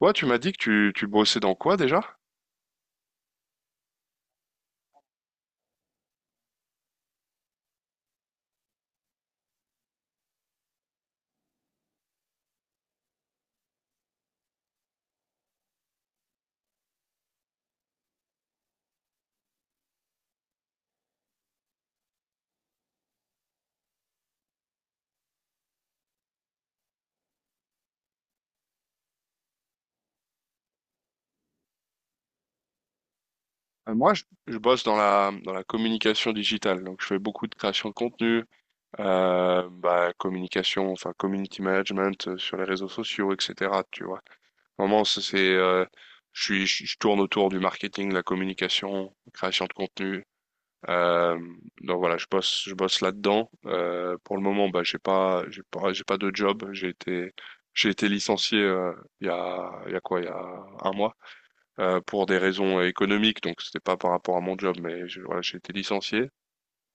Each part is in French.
Toi, tu m'as dit que tu bossais dans quoi déjà? Moi, je bosse dans la communication digitale. Donc, je fais beaucoup de création de contenu, communication, enfin, community management sur les réseaux sociaux, etc. Tu vois. Vraiment, ça, c'est, je tourne autour du marketing, la communication, création de contenu. Euh, donc voilà, je bosse là-dedans. Pour le moment, bah, j'ai pas de job. J'ai été licencié il y a, il y a un mois. Pour des raisons économiques, donc c'était pas par rapport à mon job, mais voilà, j'ai été licencié.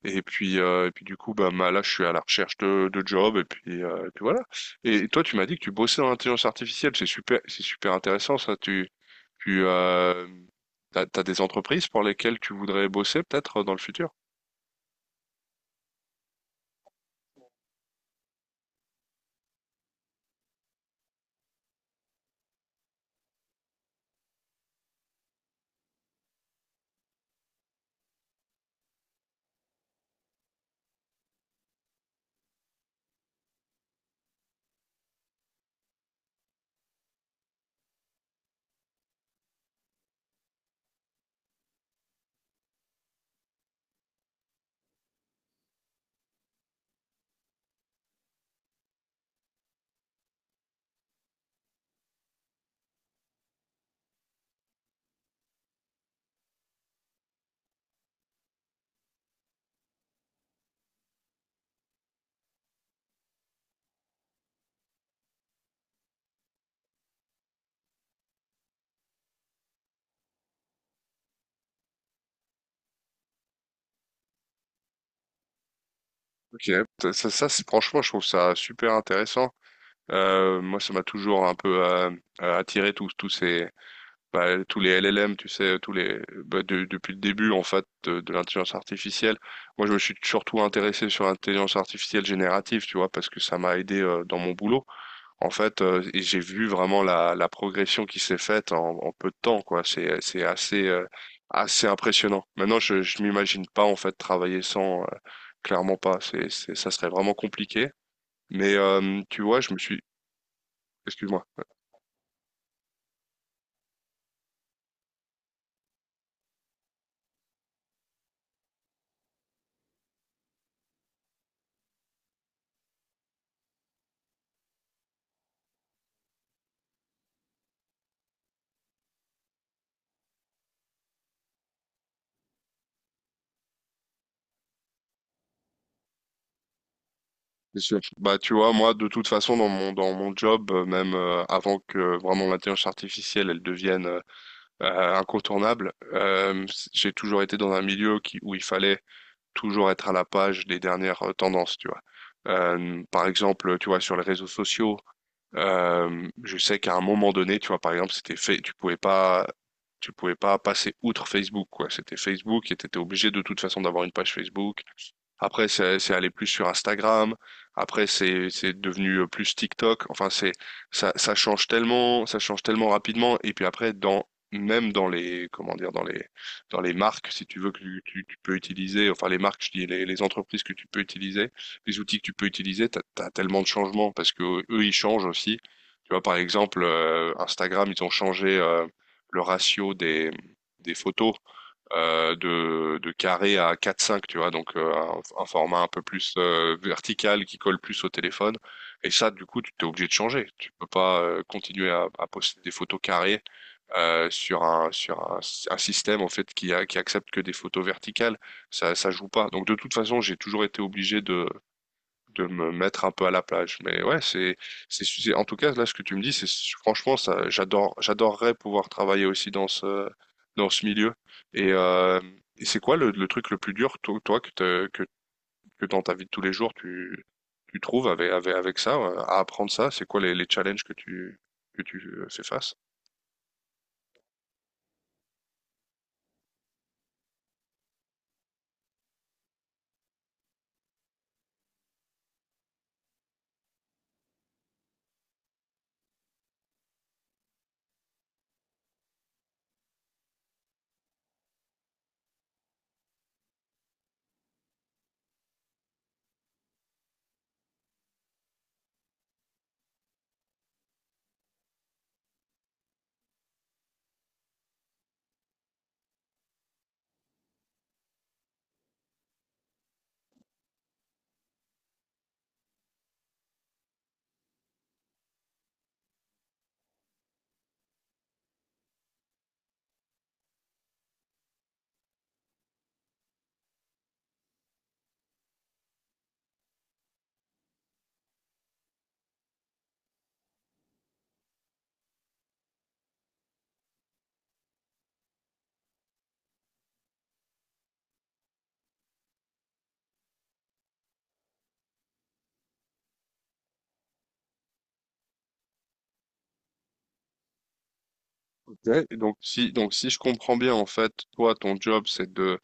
Et puis, du coup, bah, là, je suis à la recherche de job, et puis, voilà. Et toi, tu m'as dit que tu bossais dans l'intelligence artificielle, c'est super intéressant ça. Tu, euh, t'as, t'as des entreprises pour lesquelles tu voudrais bosser peut-être dans le futur? Ok, ça, franchement, je trouve ça super intéressant. Moi, ça m'a toujours un peu attiré tous ces bah, tous les LLM, tu sais, tous les bah, depuis le début en fait de l'intelligence artificielle. Moi, je me suis surtout intéressé sur l'intelligence artificielle générative, tu vois, parce que ça m'a aidé dans mon boulot. En fait, et j'ai vu vraiment la, la progression qui s'est faite en, en peu de temps, quoi. C'est assez assez impressionnant. Maintenant, je m'imagine pas en fait travailler sans, clairement pas. C'est ça serait vraiment compliqué. Mais tu vois, excuse-moi. Bien sûr. Bah, tu vois, moi, de toute façon, dans mon job, même avant que vraiment l'intelligence artificielle, elle devienne incontournable, j'ai toujours été dans un milieu où il fallait toujours être à la page des dernières tendances, tu vois. Par exemple, tu vois, sur les réseaux sociaux, je sais qu'à un moment donné, tu vois, par exemple, c'était fait, tu pouvais pas passer outre Facebook, quoi. C'était Facebook et t'étais obligé de toute façon d'avoir une page Facebook après, c'est allé plus sur Instagram. Après, c'est devenu plus TikTok. Enfin, c'est ça change tellement, ça change tellement rapidement. Et puis après, dans même dans les comment dire dans les marques, si tu veux que tu peux utiliser, enfin les marques, je dis les entreprises que tu peux utiliser, les outils que tu peux utiliser, t'as tellement de changements parce que eux ils changent aussi. Tu vois, par exemple, Instagram, ils ont changé le ratio des photos de carré à quatre cinq tu vois, donc un format un peu plus vertical qui colle plus au téléphone. Et ça, du coup, tu t'es obligé de changer. Tu peux pas continuer à poster des photos carrées sur un système en fait qui accepte que des photos verticales. Ça joue pas. Donc de toute façon, j'ai toujours été obligé de me mettre un peu à la plage. Mais ouais, en tout cas, là, ce que tu me dis, c'est, franchement, ça, j'adore, j'adorerais pouvoir travailler aussi dans dans ce milieu. Et, euh, et c'est quoi le truc le plus dur, toi, toi, que, t'as- que dans ta vie de tous les jours, tu trouves avec, avec ça, à apprendre ça? C'est quoi les challenges que tu fais face? Ouais, et donc si je comprends bien en fait, toi ton job c'est de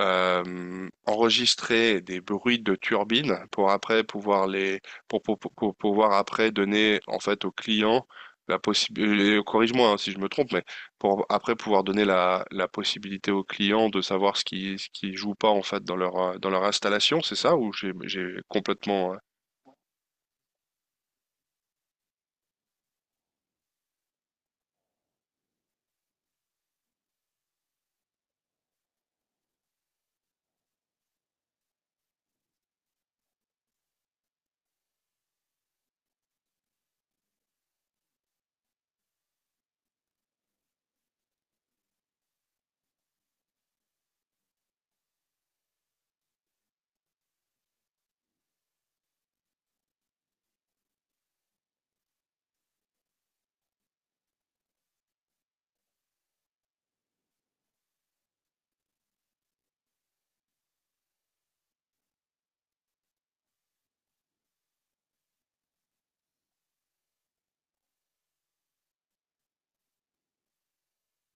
enregistrer des bruits de turbines pour après pouvoir les pour pouvoir après donner en fait au client la possibilité corrige-moi hein, si je me trompe mais pour après pouvoir donner la, la possibilité au client de savoir ce qui joue pas en fait dans leur installation, c'est ça ou j'ai complètement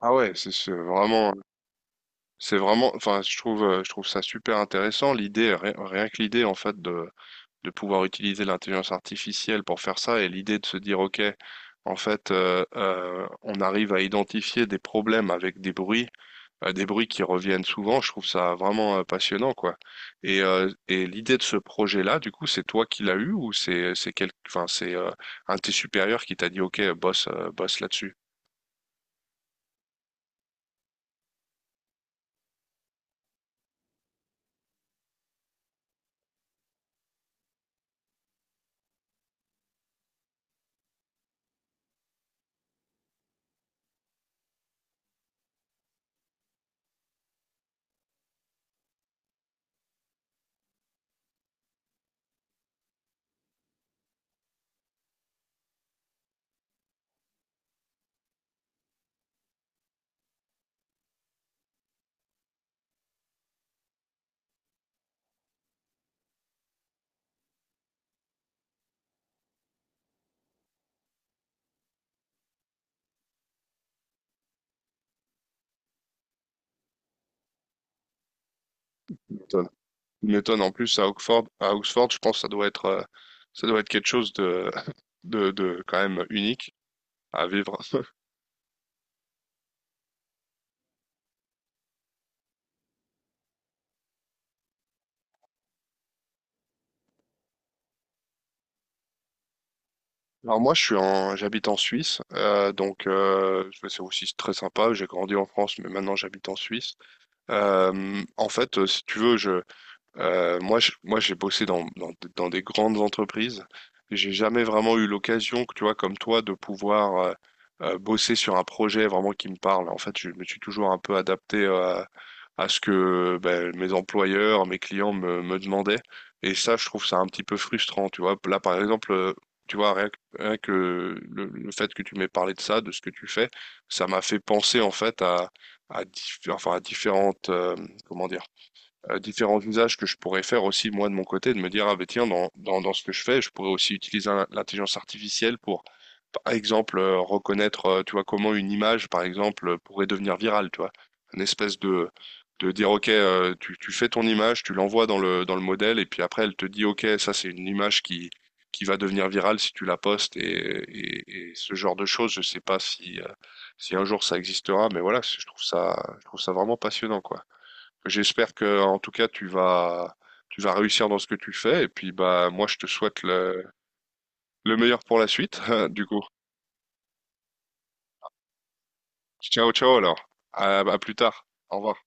Ah ouais, c'est vraiment c'est vraiment enfin je trouve ça super intéressant l'idée rien que l'idée en fait de pouvoir utiliser l'intelligence artificielle pour faire ça et l'idée de se dire, OK, en fait, on arrive à identifier des problèmes avec des bruits qui reviennent souvent. Je trouve ça vraiment passionnant, quoi. Et l'idée de ce projet-là, du coup, c'est toi qui l'as eu ou c'est quel, enfin c'est un de tes supérieurs qui t'a dit, OK, bosse bosse là-dessus. M'étonne m'étonnes. En plus à Oxford, je pense que ça doit être quelque chose de de quand même unique à vivre. Alors moi, j'habite en Suisse, donc c'est aussi très sympa. J'ai grandi en France, mais maintenant j'habite en Suisse. En fait, si tu veux, moi, j'ai bossé dans des grandes entreprises. J'ai jamais vraiment eu l'occasion, tu vois, comme toi, de pouvoir bosser sur un projet vraiment qui me parle. En fait, je me suis toujours un peu adapté à ce que ben, mes employeurs, mes clients me, me demandaient. Et ça, je trouve ça un petit peu frustrant, tu vois. Là, par exemple, tu vois, rien que le fait que tu m'aies parlé de ça, de ce que tu fais, ça m'a fait penser, en fait, enfin, à différentes, comment dire différents usages que je pourrais faire aussi moi de mon côté, de me dire, ah ben tiens, dans ce que je fais, je pourrais aussi utiliser l'intelligence artificielle pour, par exemple, reconnaître, tu vois, comment une image, par exemple, pourrait devenir virale, tu vois. Une espèce de dire, ok, tu fais ton image, tu l'envoies dans dans le modèle, et puis après, elle te dit, ok, ça c'est une image qui va devenir virale si tu la postes, et, et ce genre de choses, je sais pas si, si un jour ça existera, mais voilà, je trouve ça vraiment passionnant, quoi. J'espère que, en tout cas, tu vas réussir dans ce que tu fais. Et puis, bah, moi, je te souhaite le meilleur pour la suite, du coup. Ciao, ciao alors. À plus tard. Au revoir.